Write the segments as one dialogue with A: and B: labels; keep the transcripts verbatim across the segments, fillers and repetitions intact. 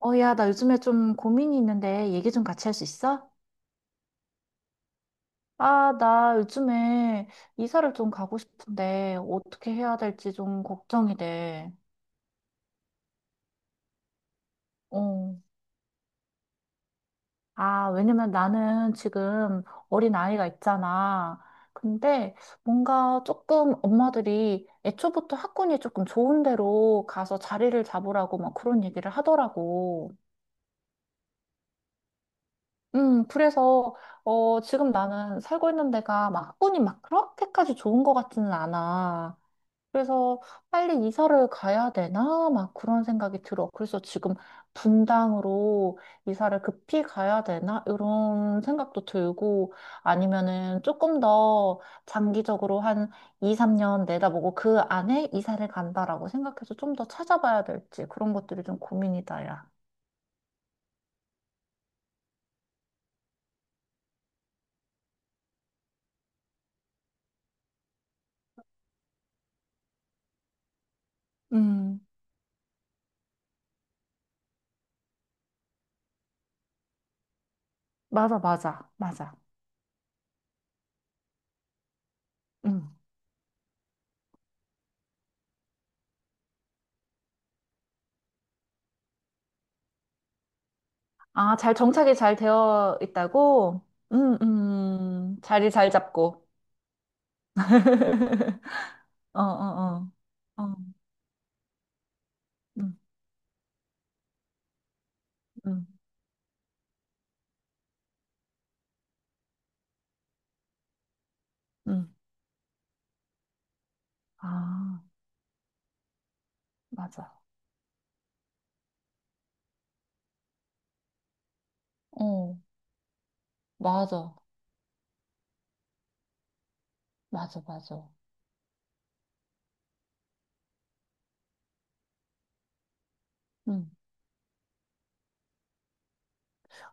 A: 어, 야, 나 요즘에 좀 고민이 있는데 얘기 좀 같이 할 수 있어? 아, 나 요즘에 이사를 좀 가고 싶은데 어떻게 해야 될지 좀 걱정이 돼. 어. 아, 왜냐면 나는 지금 어린 아이가 있잖아. 근데 뭔가 조금 엄마들이 애초부터 학군이 조금 좋은 데로 가서 자리를 잡으라고 막 그런 얘기를 하더라고. 음, 그래서 어, 지금 나는 살고 있는 데가 막 학군이 막 그렇게까지 좋은 것 같지는 않아. 그래서 빨리 이사를 가야 되나? 막 그런 생각이 들어. 그래서 지금 분당으로 이사를 급히 가야 되나? 이런 생각도 들고, 아니면은 조금 더 장기적으로 한 이, 삼 년 내다보고 그 안에 이사를 간다라고 생각해서 좀 더 찾아봐야 될지, 그런 것들이 좀 고민이다, 야. 음, 맞아, 맞아, 맞아. 음. 아, 잘 정착이 잘 되어 있다고? 음, 음, 자리 잘 잡고. 어, 어, 어. 어, 응, 응, 응. 아, 맞아. 어, 맞아. 맞아, 맞아. 응.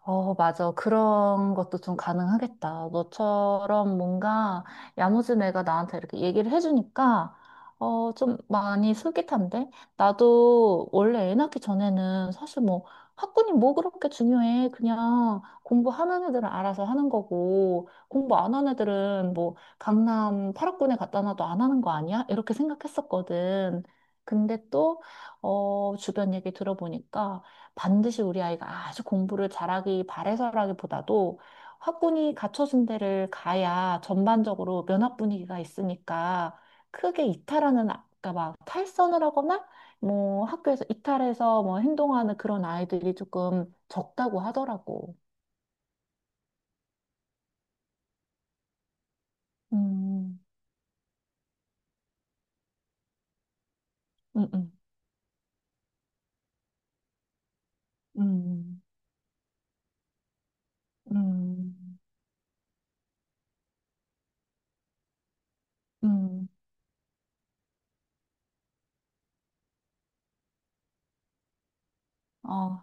A: 어, 맞아. 그런 것도 좀 가능하겠다. 너처럼 뭔가 야무진 애가 나한테 이렇게 얘기를 해주니까, 어, 좀 많이 솔깃한데? 나도 원래 애 낳기 전에는 사실 뭐 학군이 뭐 그렇게 중요해. 그냥 공부하는 애들은 알아서 하는 거고, 공부 안 하는 애들은 뭐 강남 팔 학군에 갖다 놔도 안 하는 거 아니야? 이렇게 생각했었거든. 근데 또, 어, 주변 얘기 들어보니까, 반드시 우리 아이가 아주 공부를 잘하기 바래서라기보다도 학군이 갖춰준 데를 가야 전반적으로 면학 분위기가 있으니까 크게 이탈하는, 아까 막 탈선을 하거나 뭐 학교에서 이탈해서 뭐 행동하는 그런 아이들이 조금 적다고 하더라고. 음, 음, 음, 음, 음, 음. 음. 어,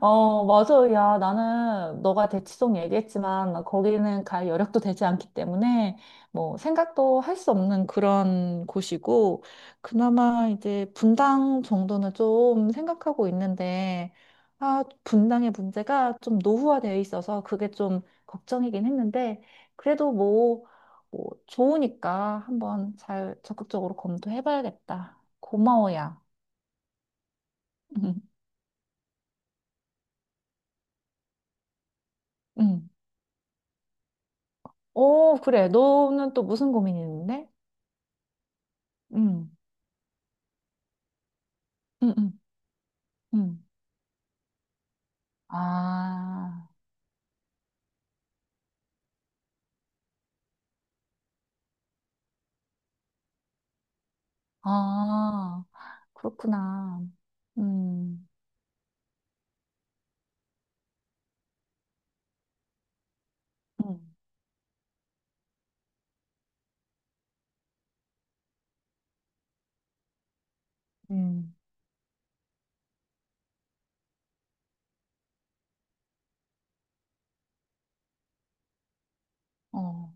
A: 어, 맞아. 야, 나는 너가 대치동 얘기했지만 거기는 갈 여력도 되지 않기 때문에 뭐 생각도 할 수 없는 그런 곳이고, 그나마 이제 분당 정도는 좀 생각하고 있는데, 아, 분당의 문제가 좀 노후화되어 있어서 그게 좀 걱정이긴 했는데, 그래도 뭐, 뭐 좋으니까 한번 잘 적극적으로 검토해봐야겠다. 고마워, 야. 응. 오, 그래. 너는 또 무슨 고민이 있는데? 응, 응, 응, 응. 아, 아, 그렇구나. 음, 음, 음, 어,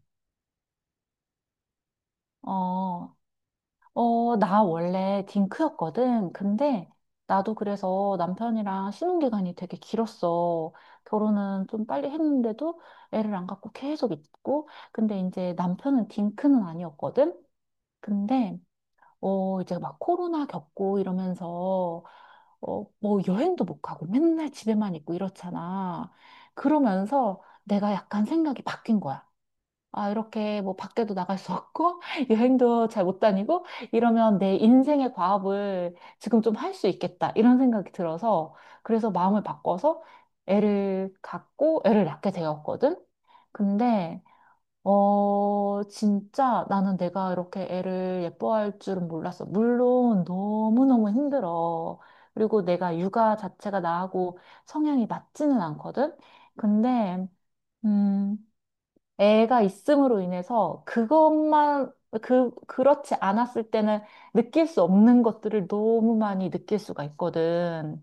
A: 어, 어, 나 원래 딩크였거든. 근데 나도 그래서 남편이랑 신혼기간이 되게 길었어. 결혼은 좀 빨리 했는데도 애를 안 갖고 계속 있고. 근데 이제 남편은 딩크는 아니었거든. 근데 어, 이제 막 코로나 겪고 이러면서, 어, 뭐 여행도 못 가고 맨날 집에만 있고 이렇잖아. 그러면서 내가 약간 생각이 바뀐 거야. 아, 이렇게 뭐 밖에도 나갈 수 없고, 여행도 잘 못 다니고, 이러면 내 인생의 과업을 지금 좀 할 수 있겠다, 이런 생각이 들어서, 그래서 마음을 바꿔서 애를 갖고 애를 낳게 되었거든. 근데 어, 진짜 나는 내가 이렇게 애를 예뻐할 줄은 몰랐어. 물론 너무너무 힘들어. 그리고 내가 육아 자체가 나하고 성향이 맞지는 않거든? 근데, 음, 애가 있음으로 인해서 그것만, 그, 그렇지 않았을 때는 느낄 수 없는 것들을 너무 많이 느낄 수가 있거든.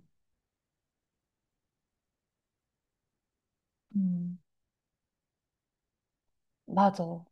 A: 음, 맞아.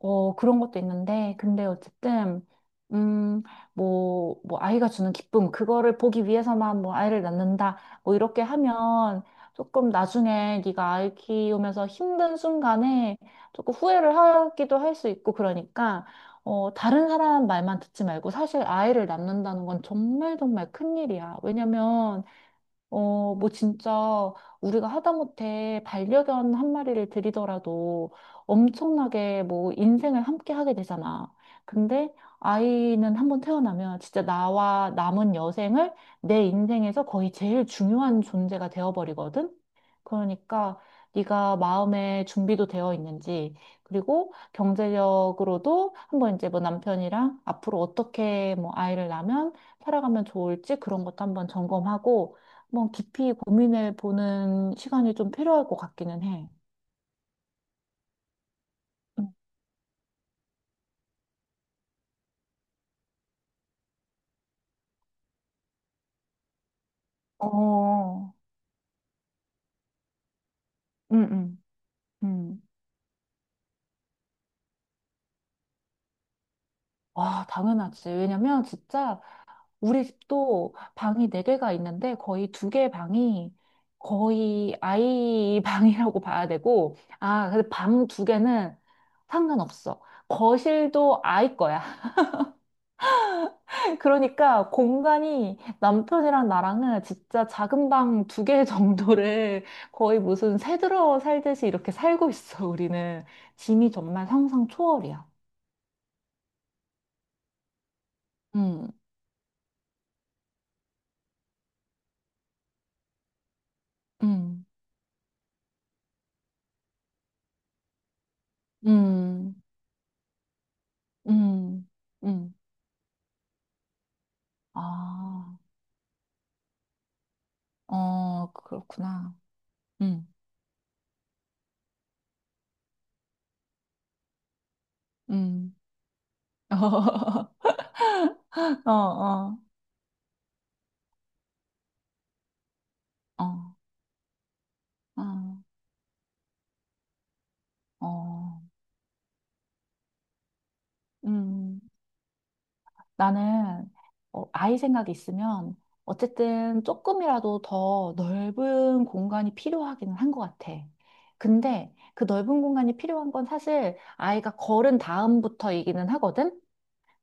A: 어, 그런 것도 있는데, 근데 어쨌든, 음, 뭐, 뭐, 아이가 주는 기쁨, 그거를 보기 위해서만 뭐, 아이를 낳는다, 뭐, 이렇게 하면 조금 나중에 네가 아이 키우면서 힘든 순간에 조금 후회를 하기도 할 수 있고, 그러니까, 어, 다른 사람 말만 듣지 말고, 사실 아이를 낳는다는 건 정말 정말 큰일이야. 왜냐면, 어, 뭐 진짜 우리가 하다못해 반려견 한 마리를 들이더라도 엄청나게 뭐 인생을 함께 하게 되잖아. 근데 아이는 한번 태어나면 진짜 나와 남은 여생을, 내 인생에서 거의 제일 중요한 존재가 되어버리거든. 그러니까 네가 마음의 준비도 되어 있는지, 그리고 경제력으로도 한번 이제 뭐 남편이랑 앞으로 어떻게 뭐 아이를 낳으면 살아가면 좋을지, 그런 것도 한번 점검하고 한번 깊이 고민해 보는 시간이 좀 필요할 것 같기는 해. 음. 어, 응응응. 와, 당연하지. 왜냐면 진짜 우리 집도 방이 네개가 있는데 거의 두 개 방이 거의 아이 방이라고 봐야 되고, 아, 근데 방 두개는 상관없어. 거실도 아이 거야. 그러니까 공간이 남편이랑 나랑은 진짜 작은 방 두 개 정도를 거의 무슨 새 들어 살듯이 이렇게 살고 있어, 우리는. 짐이 정말 상상 초월이야. 음, 음, 음, 음, 음. 아, 어, 그렇구나. 음, 음. 어, 어, 어, 어, 어, 음. 나는 어, 아이 생각이 있으면 어쨌든 조금이라도 더 넓은 공간이 필요하기는 한 것 같아. 근데 그 넓은 공간이 필요한 건 사실 아이가 걸은 다음부터이기는 하거든?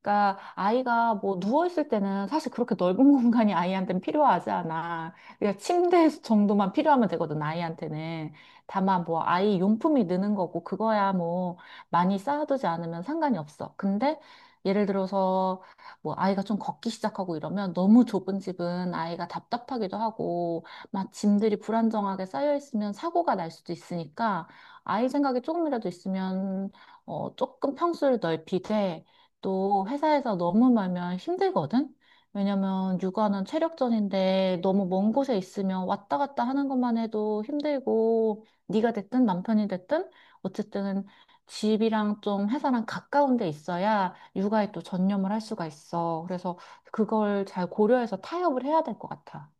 A: 그러니까 아이가 뭐 누워 있을 때는 사실 그렇게 넓은 공간이 아이한테는 필요하지 않아. 그냥 침대 정도만 필요하면 되거든, 아이한테는. 다만 뭐 아이 용품이 느는 거고, 그거야 뭐 많이 쌓아두지 않으면 상관이 없어. 근데 예를 들어서 뭐 아이가 좀 걷기 시작하고 이러면 너무 좁은 집은 아이가 답답하기도 하고 막 짐들이 불안정하게 쌓여 있으면 사고가 날 수도 있으니까, 아이 생각이 조금이라도 있으면 어 조금 평수를 넓히되 또 회사에서 너무 멀면 힘들거든? 왜냐면 육아는 체력전인데 너무 먼 곳에 있으면 왔다 갔다 하는 것만 해도 힘들고, 네가 됐든 남편이 됐든 어쨌든 집이랑 좀 회사랑 가까운 데 있어야 육아에 또 전념을 할 수가 있어. 그래서 그걸 잘 고려해서 타협을 해야 될 것 같아.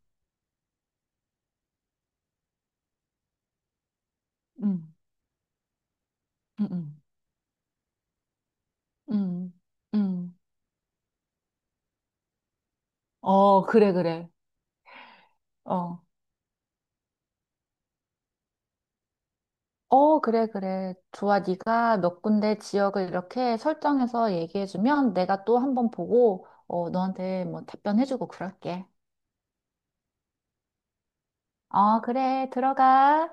A: 응, 응, 응, 응, 응. 어, 그래, 그래. 어. 어, 그래, 그래. 좋아. 네가 몇 군데 지역을 이렇게 설정해서 얘기해주면 내가 또 한번 보고, 어, 너한테 뭐 답변해주고 그럴게. 어, 그래. 들어가.